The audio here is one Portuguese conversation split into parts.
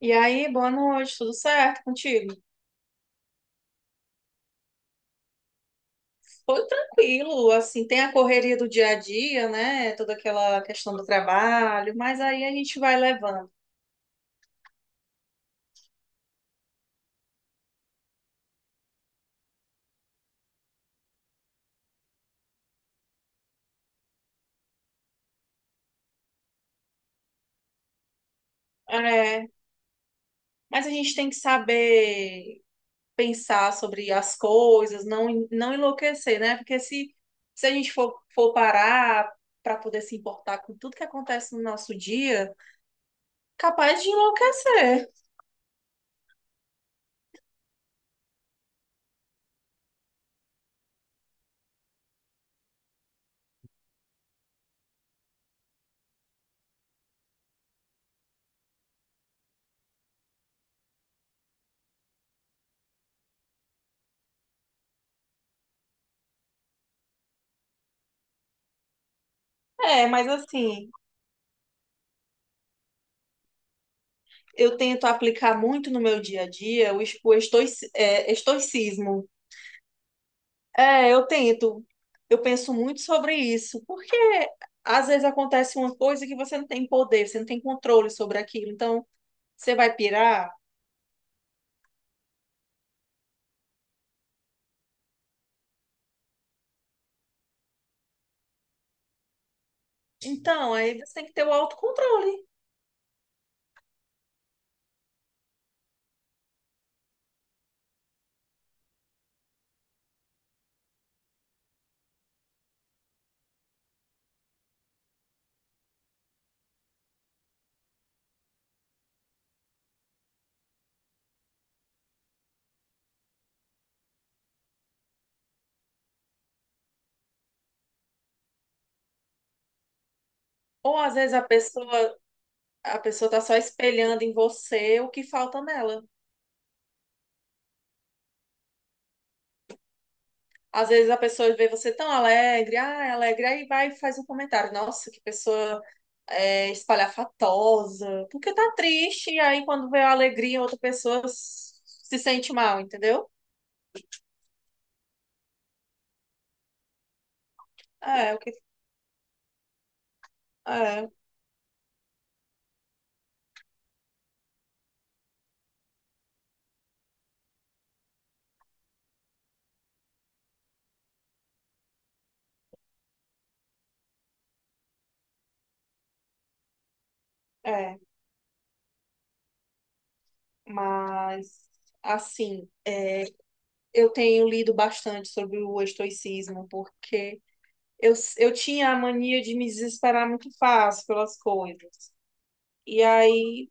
E aí, boa noite, tudo certo contigo? Foi tranquilo, assim, tem a correria do dia a dia, né? Toda aquela questão do trabalho, mas aí a gente vai levando. É, mas a gente tem que saber pensar sobre as coisas, não enlouquecer, né? Porque Se a gente for parar para poder se importar com tudo que acontece no nosso dia, capaz de enlouquecer. É, mas assim. Eu tento aplicar muito no meu dia a dia o estoicismo. É, eu tento. Eu penso muito sobre isso, porque às vezes acontece uma coisa que você não tem poder, você não tem controle sobre aquilo. Então, você vai pirar? Então, aí você tem que ter o autocontrole. Ou às vezes a pessoa tá só espelhando em você o que falta nela. Às vezes a pessoa vê você tão alegre, ah, é alegre, aí vai e faz um comentário. Nossa, que pessoa espalhafatosa, porque tá triste, e aí quando vê a alegria em outra pessoa se sente mal, entendeu? É, o que é, é, mas assim, eu tenho lido bastante sobre o estoicismo, porque eu tinha a mania de me desesperar muito fácil pelas coisas. E aí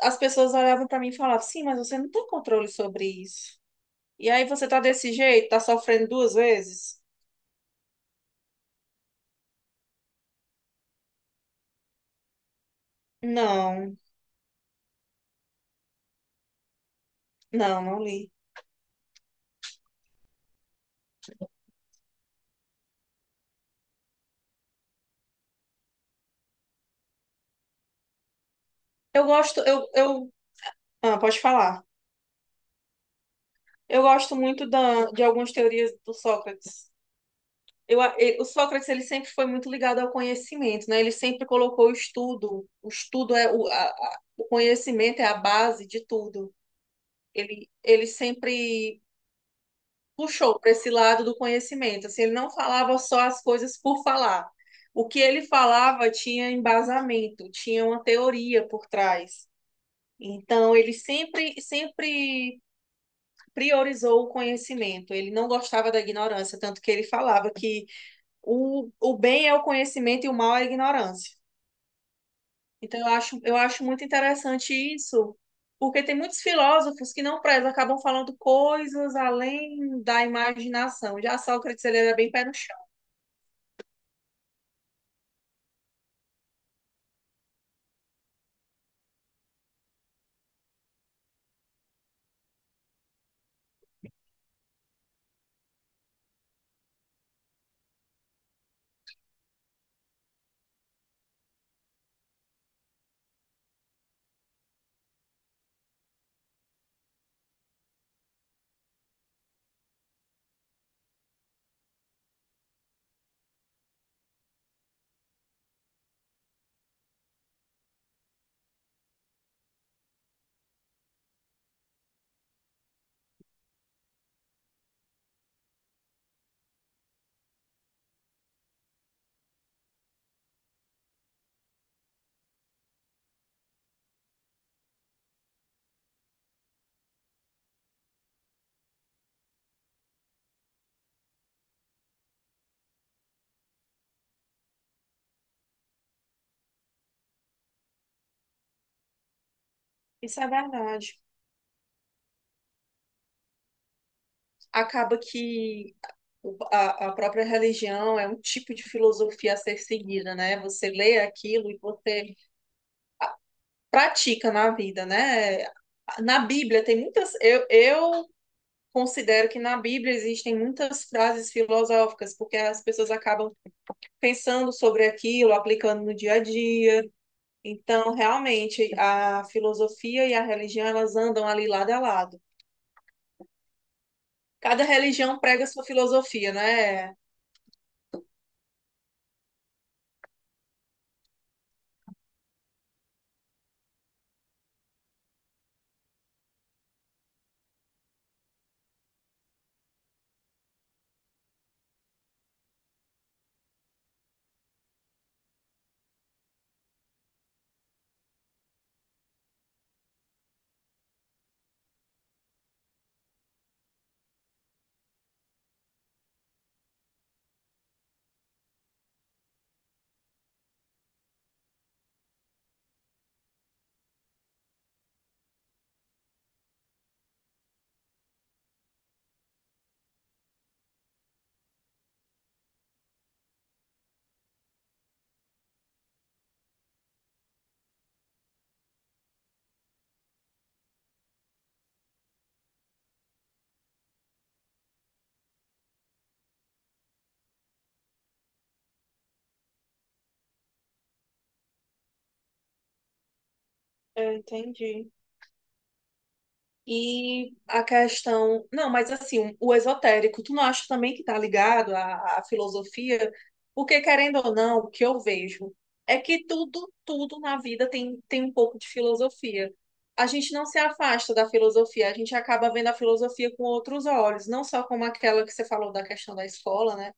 as pessoas olhavam pra mim e falavam, sim, mas você não tem controle sobre isso. E aí você tá desse jeito, tá sofrendo duas vezes? Não, não, não li. Eu gosto, eu, ah, pode falar. Eu gosto muito de algumas teorias do Sócrates. O Sócrates ele sempre foi muito ligado ao conhecimento, né? Ele sempre colocou o estudo. O estudo é o conhecimento é a base de tudo. Ele sempre puxou para esse lado do conhecimento. Assim, ele não falava só as coisas por falar. O que ele falava tinha embasamento, tinha uma teoria por trás. Então, sempre priorizou o conhecimento, ele não gostava da ignorância, tanto que ele falava que o bem é o conhecimento e o mal é a ignorância. Então, eu acho muito interessante isso, porque tem muitos filósofos que não prezam, acabam falando coisas além da imaginação. Já Sócrates, ele era bem pé no chão. Isso é verdade. Acaba que a própria religião é um tipo de filosofia a ser seguida, né? Você lê aquilo e você pratica na vida, né? Na Bíblia tem muitas. Eu considero que na Bíblia existem muitas frases filosóficas, porque as pessoas acabam pensando sobre aquilo, aplicando no dia a dia. Então, realmente, a filosofia e a religião, elas andam ali lado a lado. Cada religião prega sua filosofia, né? Eu entendi. E a questão. Não, mas assim, um, o esotérico, tu não acha também que está ligado à, à filosofia? Porque, querendo ou não, o que eu vejo é que tudo na vida tem um pouco de filosofia. A gente não se afasta da filosofia, a gente acaba vendo a filosofia com outros olhos, não só como aquela que você falou da questão da escola, né?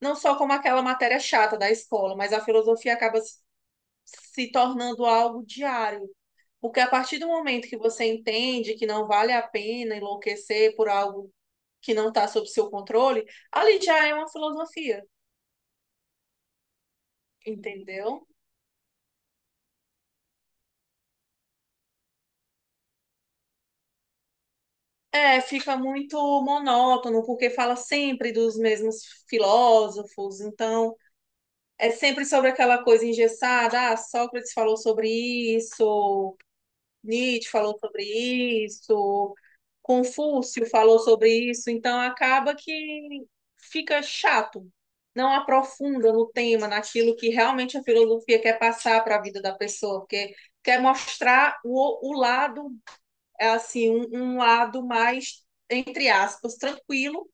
Não só como aquela matéria chata da escola, mas a filosofia acaba se tornando algo diário porque a partir do momento que você entende que não vale a pena enlouquecer por algo que não está sob seu controle, ali já é uma filosofia, entendeu? É, fica muito monótono, porque fala sempre dos mesmos filósofos, então é sempre sobre aquela coisa engessada, ah, Sócrates falou sobre isso, Nietzsche falou sobre isso, Confúcio falou sobre isso, então acaba que fica chato, não aprofunda no tema, naquilo que realmente a filosofia quer passar para a vida da pessoa, porque quer mostrar o lado, é assim, um lado mais, entre aspas, tranquilo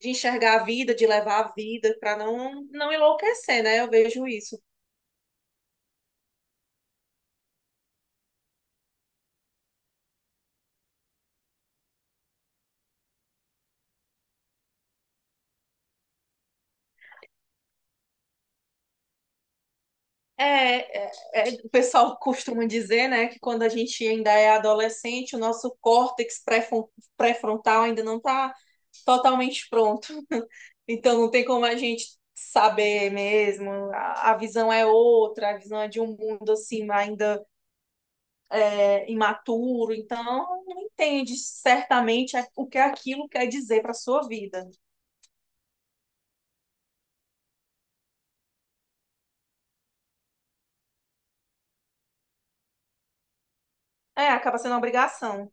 de enxergar a vida, de levar a vida, para não enlouquecer, né? Eu vejo isso. O pessoal costuma dizer, né, que quando a gente ainda é adolescente, o nosso pré-frontal ainda não está totalmente pronto. Então não tem como a gente saber mesmo. A visão é outra, a visão é de um mundo assim ainda imaturo. Então não entende certamente o que é aquilo quer dizer para sua vida. É, acaba sendo uma obrigação.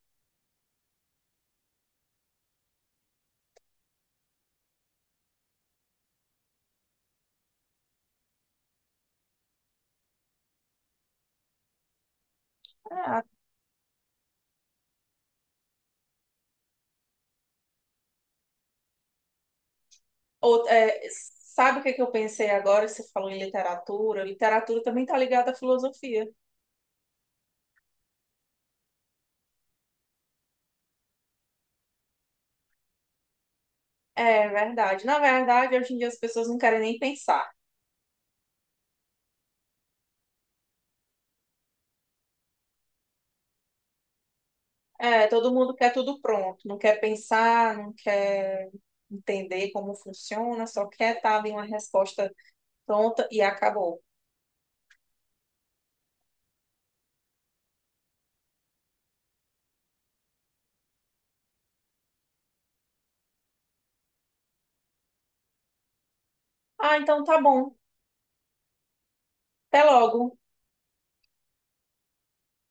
É, Ou- é, sabe o que que eu pensei agora? Você falou em literatura. Literatura também está ligada à filosofia. É verdade. Na verdade, hoje em dia as pessoas não querem nem pensar. É, todo mundo quer tudo pronto, não quer pensar, não quer entender como funciona, só quer estar ali uma resposta pronta e acabou. Ah, então tá bom. Até logo.